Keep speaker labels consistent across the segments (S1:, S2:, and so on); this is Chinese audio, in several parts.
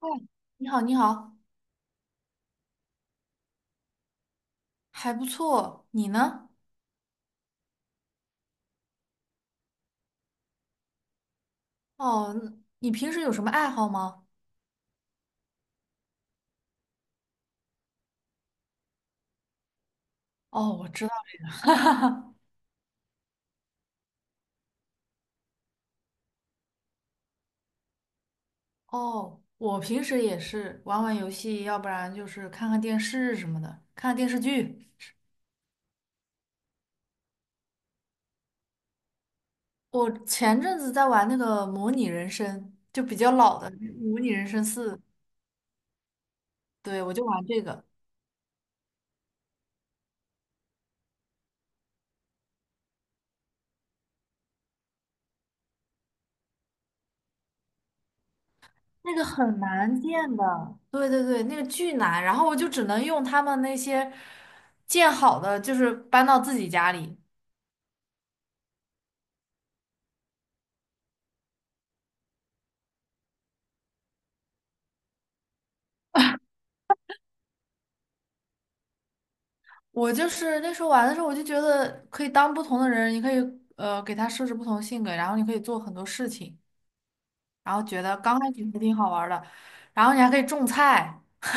S1: 嗨，你好，你好，还不错。你呢？哦，你平时有什么爱好吗？哦，我知道。 哦，我平时也是玩玩游戏，要不然就是看看电视什么的，看看电视剧。我前阵子在玩那个《模拟人生》，就比较老的《模拟人生四》，对，我就玩这个。那个很难建的，对对对，那个巨难，然后我就只能用他们那些建好的，就是搬到自己家里。我就是那时候玩的时候，我就觉得可以当不同的人，你可以给他设置不同性格，然后你可以做很多事情，然后觉得刚开始还挺好玩儿的，然后你还可以种菜。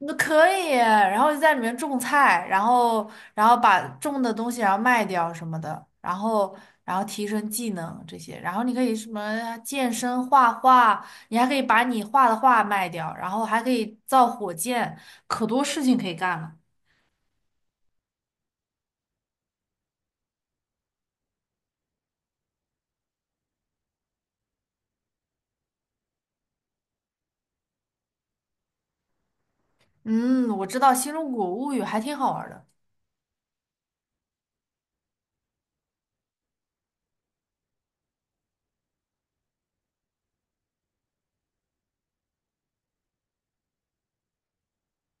S1: 那可以，然后就在里面种菜，然后把种的东西然后卖掉什么的，然后提升技能这些，然后你可以什么健身、画画，你还可以把你画的画卖掉，然后还可以造火箭，可多事情可以干了。嗯，我知道《新中国物语》还挺好玩的。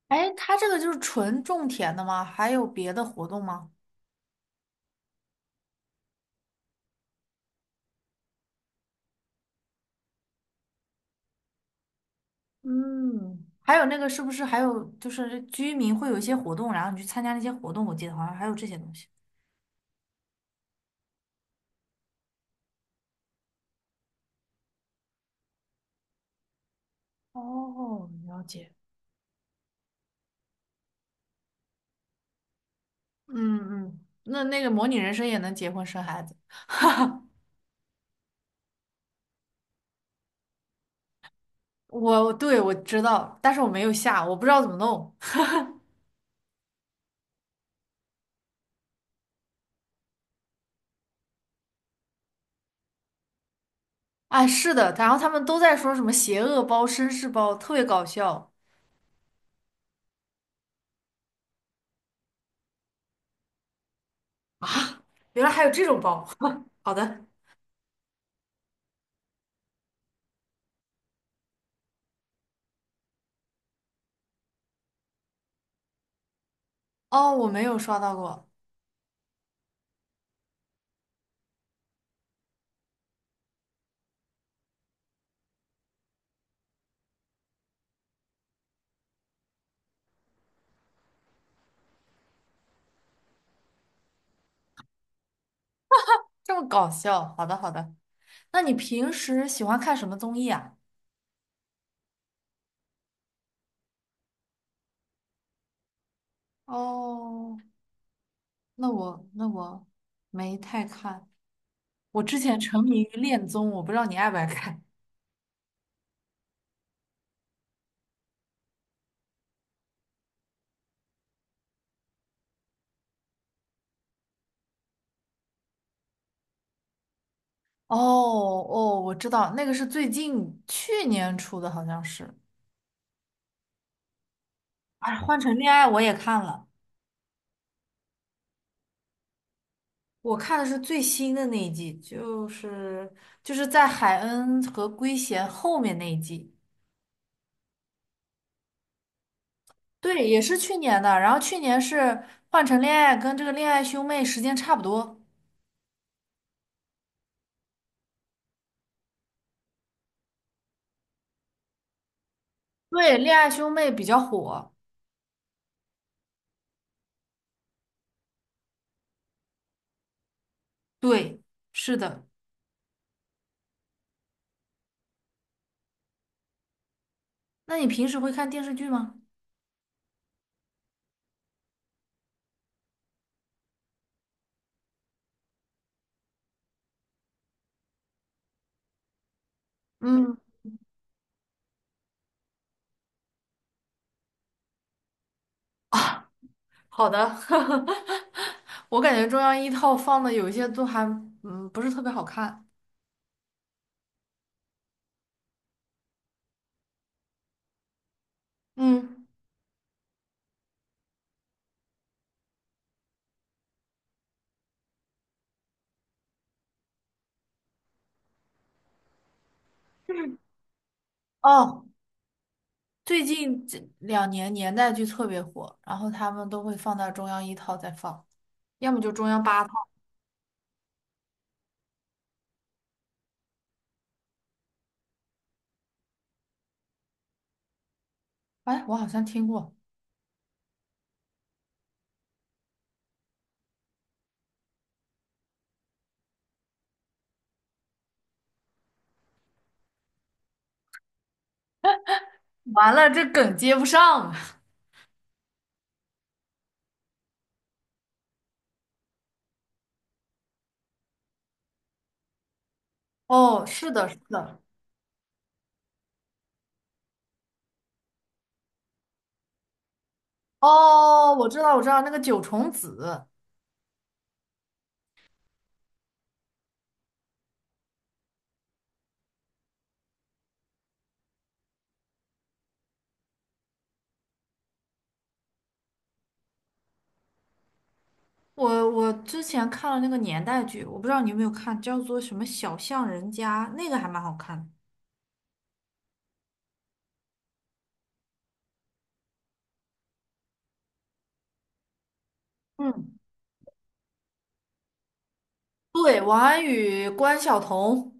S1: 哎，它这个就是纯种田的吗？还有别的活动吗？嗯，还有那个是不是还有就是居民会有一些活动，然后你去参加那些活动？我记得好像还有这些东西。哦，了解。嗯嗯，那个模拟人生也能结婚生孩子？对，我知道，但是我没有下，我不知道怎么弄。哎，是的，然后他们都在说什么邪恶包、绅士包，特别搞笑。原来还有这种包。好的。哦，我没有刷到过。这么搞笑，好的好的。那你平时喜欢看什么综艺啊？哦，那我没太看。我之前沉迷于恋综，我不知道你爱不爱看。哦哦，我知道，那个是最近去年出的，好像是。哎，换成恋爱我也看了，我看的是最新的那一季，就是在海恩和圭贤后面那一季。对，也是去年的。然后去年是换成恋爱，跟这个恋爱兄妹时间差不多。对，《恋爱兄妹》比较火。对，是的。那你平时会看电视剧吗？嗯。好的。我感觉中央一套放的有一些都还不是特别好看。嗯，哦，最近这2年年代剧特别火，然后他们都会放到中央一套再放，要么就中央八套。哎，我好像听过。完了，这梗接不上。哦，是的，是的。哦，我知道，我知道，那个九重紫。我之前看了那个年代剧，我不知道你有没有看，叫做什么《小巷人家》，那个还蛮好看的。嗯，对，王安宇、关晓彤，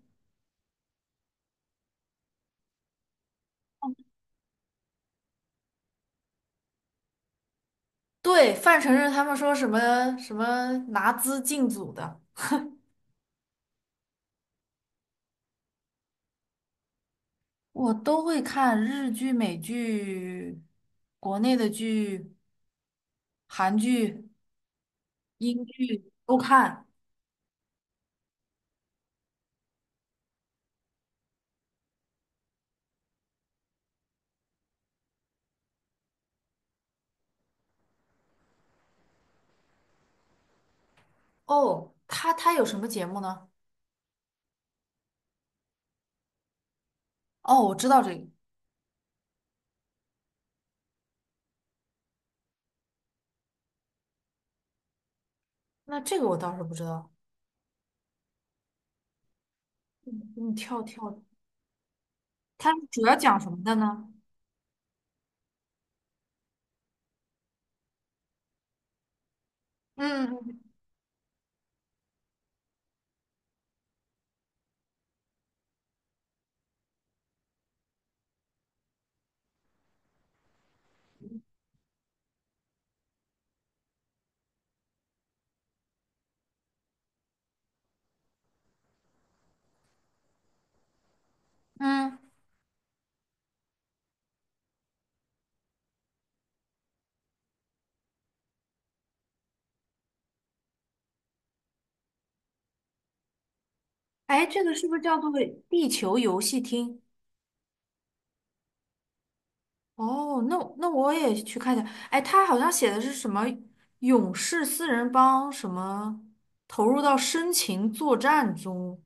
S1: 对，范丞丞他们说什么什么拿资进组的，我都会看日剧、美剧、国内的剧、韩剧、英剧都看。哦，他有什么节目呢？哦，我知道这个，那这个我倒是不知道。你跳跳，它主要讲什么的呢？嗯，嗯，哎，这个是不是叫做地球游戏厅？哦，那我也去看一下。哎，他好像写的是什么勇士四人帮，什么投入到深情作战中，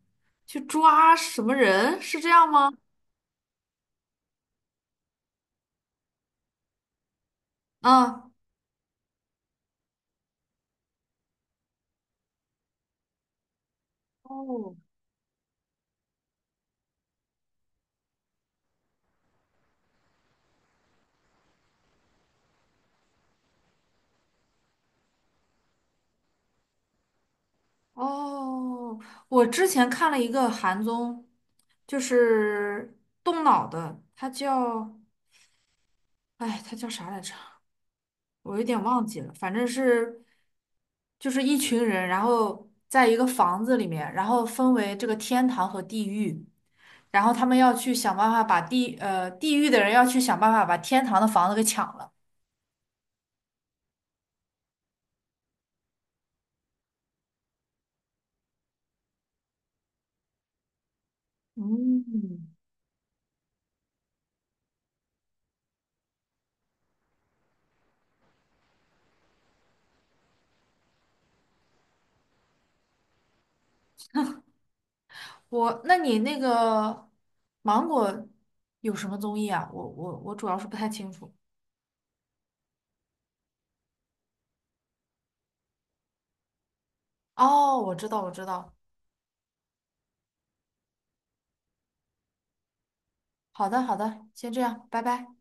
S1: 去抓什么人，是这样吗？啊，哦哦，我之前看了一个韩综，就是动脑的，它叫，哎，它叫啥来着？我有点忘记了，反正是就是一群人，然后在一个房子里面，然后分为这个天堂和地狱，然后他们要去想办法地狱的人要去想办法把天堂的房子给抢了。嗯，那你那个芒果有什么综艺啊？我主要是不太清楚。哦，我知道，我知道。好的，好的，先这样，拜拜。